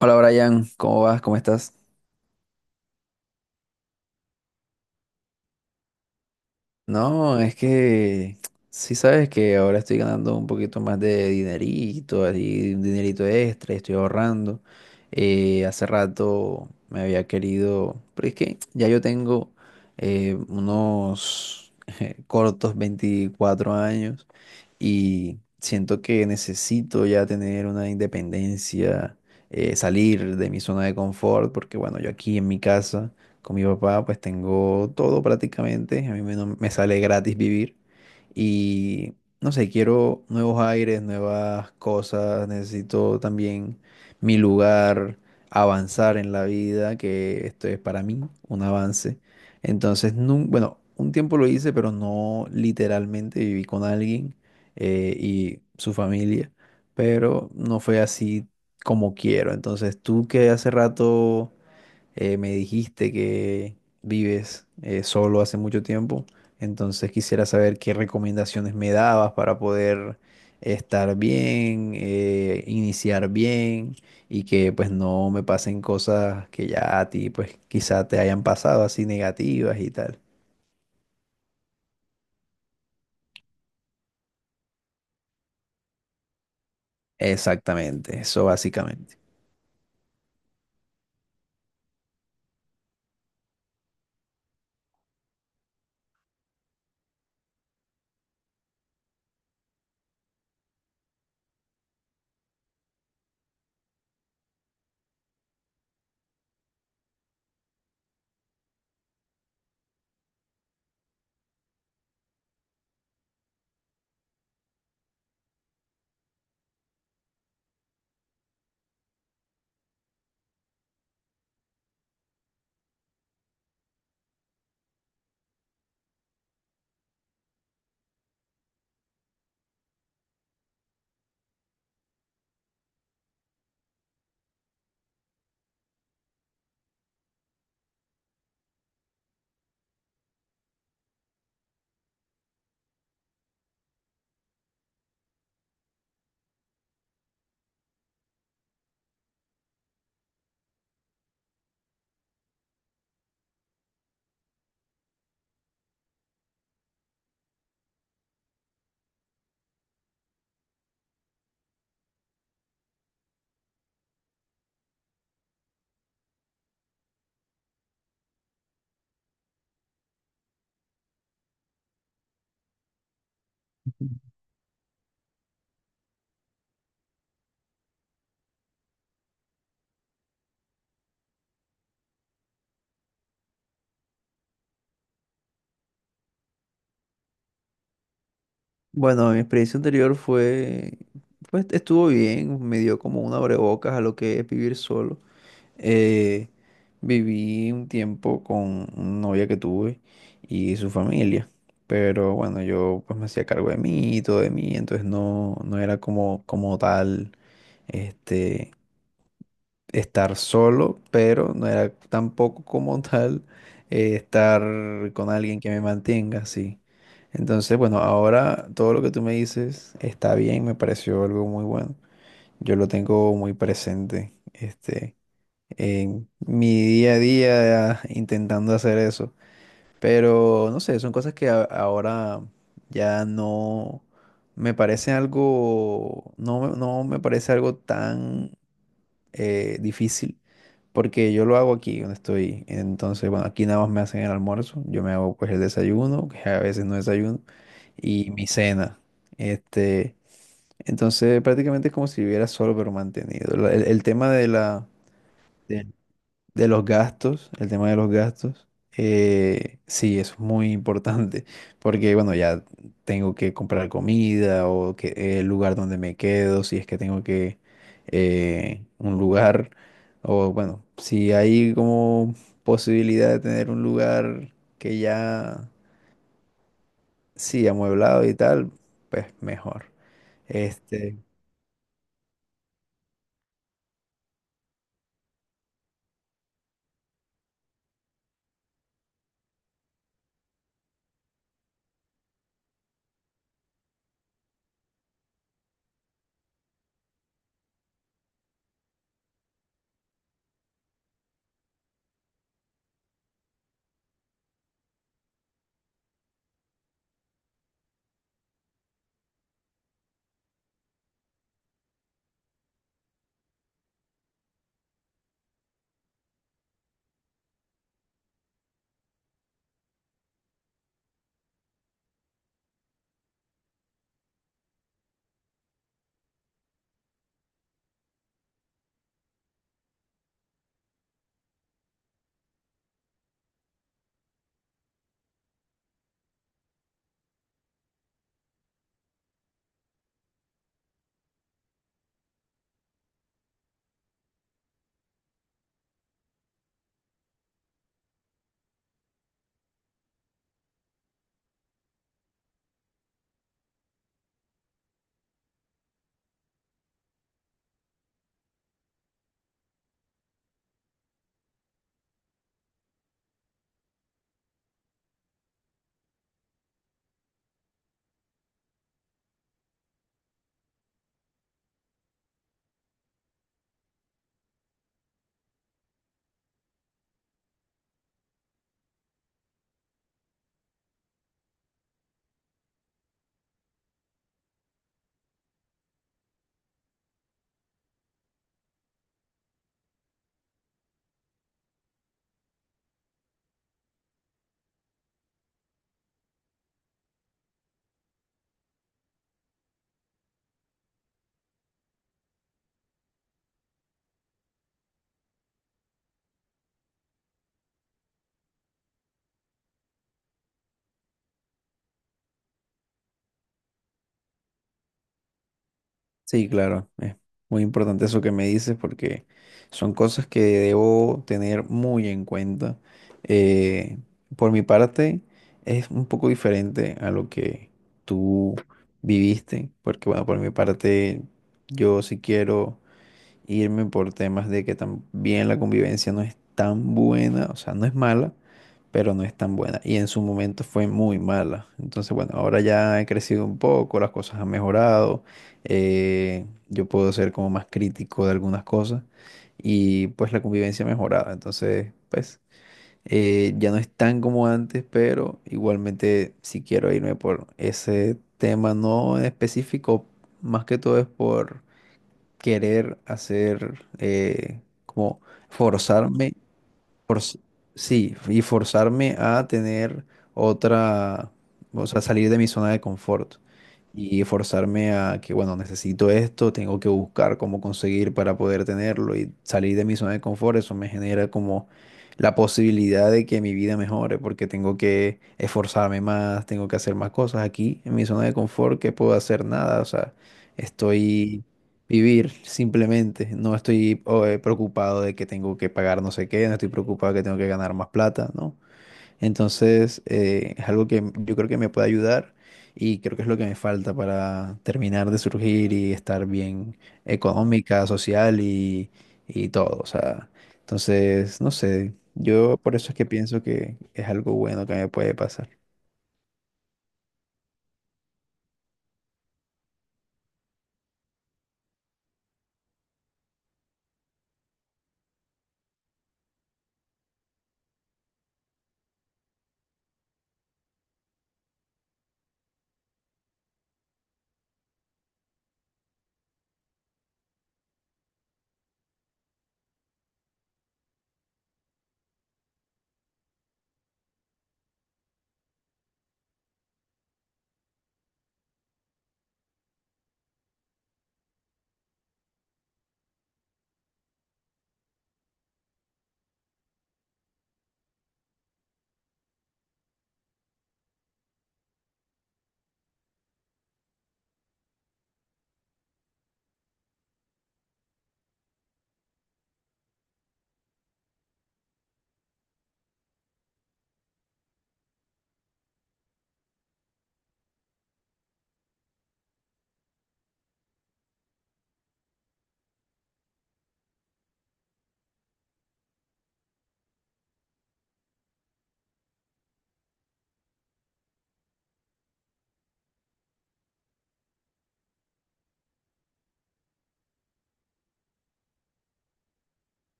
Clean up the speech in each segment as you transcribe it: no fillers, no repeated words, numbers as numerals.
Hola Brian, ¿cómo vas? ¿Cómo estás? No, es que sí sabes que ahora estoy ganando un poquito más de dinerito, así, un dinerito extra, y estoy ahorrando. Hace rato me había querido, pero es que ya yo tengo unos cortos 24 años y siento que necesito ya tener una independencia, salir de mi zona de confort, porque bueno, yo aquí en mi casa con mi papá pues tengo todo prácticamente, a mí me, no- me sale gratis vivir y no sé, quiero nuevos aires, nuevas cosas, necesito también mi lugar, avanzar en la vida, que esto es para mí un avance. Entonces, bueno, un tiempo lo hice, pero no literalmente viví con alguien y su familia, pero no fue así como quiero. Entonces, tú que hace rato me dijiste que vives solo hace mucho tiempo, entonces quisiera saber qué recomendaciones me dabas para poder estar bien, iniciar bien y que pues no me pasen cosas que ya a ti pues quizá te hayan pasado así negativas y tal. Exactamente, eso básicamente. Bueno, mi experiencia anterior fue, pues estuvo bien, me dio como un abrebocas a lo que es vivir solo. Eh, Viví un tiempo con una novia que tuve y su familia, pero bueno, yo pues me hacía cargo de mí y todo de mí, entonces no era como, como tal, este, estar solo, pero no era tampoco como tal estar con alguien que me mantenga, sí. Entonces, bueno, ahora todo lo que tú me dices está bien, me pareció algo muy bueno. Yo lo tengo muy presente, en mi día a día intentando hacer eso. Pero, no sé, son cosas que ahora ya no me parece algo, no me parece algo tan difícil porque yo lo hago aquí donde estoy. Entonces, bueno, aquí nada más me hacen el almuerzo. Yo me hago pues el desayuno, que a veces no desayuno, y mi cena. Este, entonces prácticamente es como si viviera solo pero mantenido. El tema de la, de de los gastos, el tema de los gastos, sí, es muy importante, porque bueno, ya tengo que comprar comida o que, el lugar donde me quedo, si es que tengo que un lugar, o bueno, si hay como posibilidad de tener un lugar que ya, sí, amueblado y tal, pues mejor. Este, Sí, claro, es muy importante eso que me dices porque son cosas que debo tener muy en cuenta. Eh, por mi parte, es un poco diferente a lo que tú viviste, porque bueno, por mi parte, yo sí quiero irme por temas de que también la convivencia no es tan buena, o sea, no es mala, pero no es tan buena. Y en su momento fue muy mala. Entonces, bueno, ahora ya he crecido un poco, las cosas han mejorado, yo puedo ser como más crítico de algunas cosas y pues la convivencia ha mejorado. Entonces, pues... ya no es tan como antes, pero igualmente si quiero irme por ese tema no en específico, más que todo es por, querer hacer, como forzarme, forz- sí, y forzarme a tener otra, o sea, salir de mi zona de confort y forzarme a que, bueno, necesito esto, tengo que buscar cómo conseguir para poder tenerlo y salir de mi zona de confort, eso me genera como la posibilidad de que mi vida mejore, porque tengo que esforzarme más, tengo que hacer más cosas aquí en mi zona de confort, que puedo hacer nada, o sea, estoy Vivir, simplemente. No estoy preocupado de que tengo que pagar no sé qué, no estoy preocupado de que tengo que ganar más plata, ¿no? Entonces, es algo que yo creo que me puede ayudar y creo que es lo que me falta para terminar de surgir y estar bien económica, social y todo. O sea, entonces, no sé, yo por eso es que pienso que es algo bueno que me puede pasar.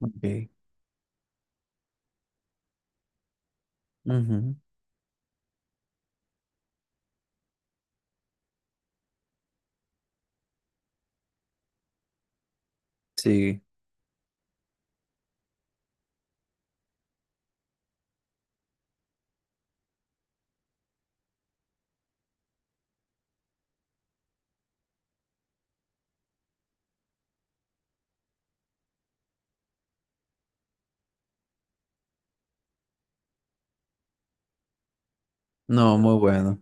Ok. Ujú. Sí, no, muy bueno.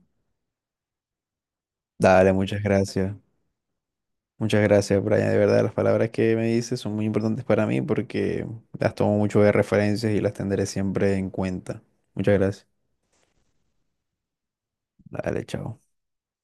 Dale, muchas gracias. Muchas gracias, Brian. De verdad, las palabras que me dices son muy importantes para mí porque las tomo mucho de referencias y las tendré siempre en cuenta. Muchas gracias. Dale, chao.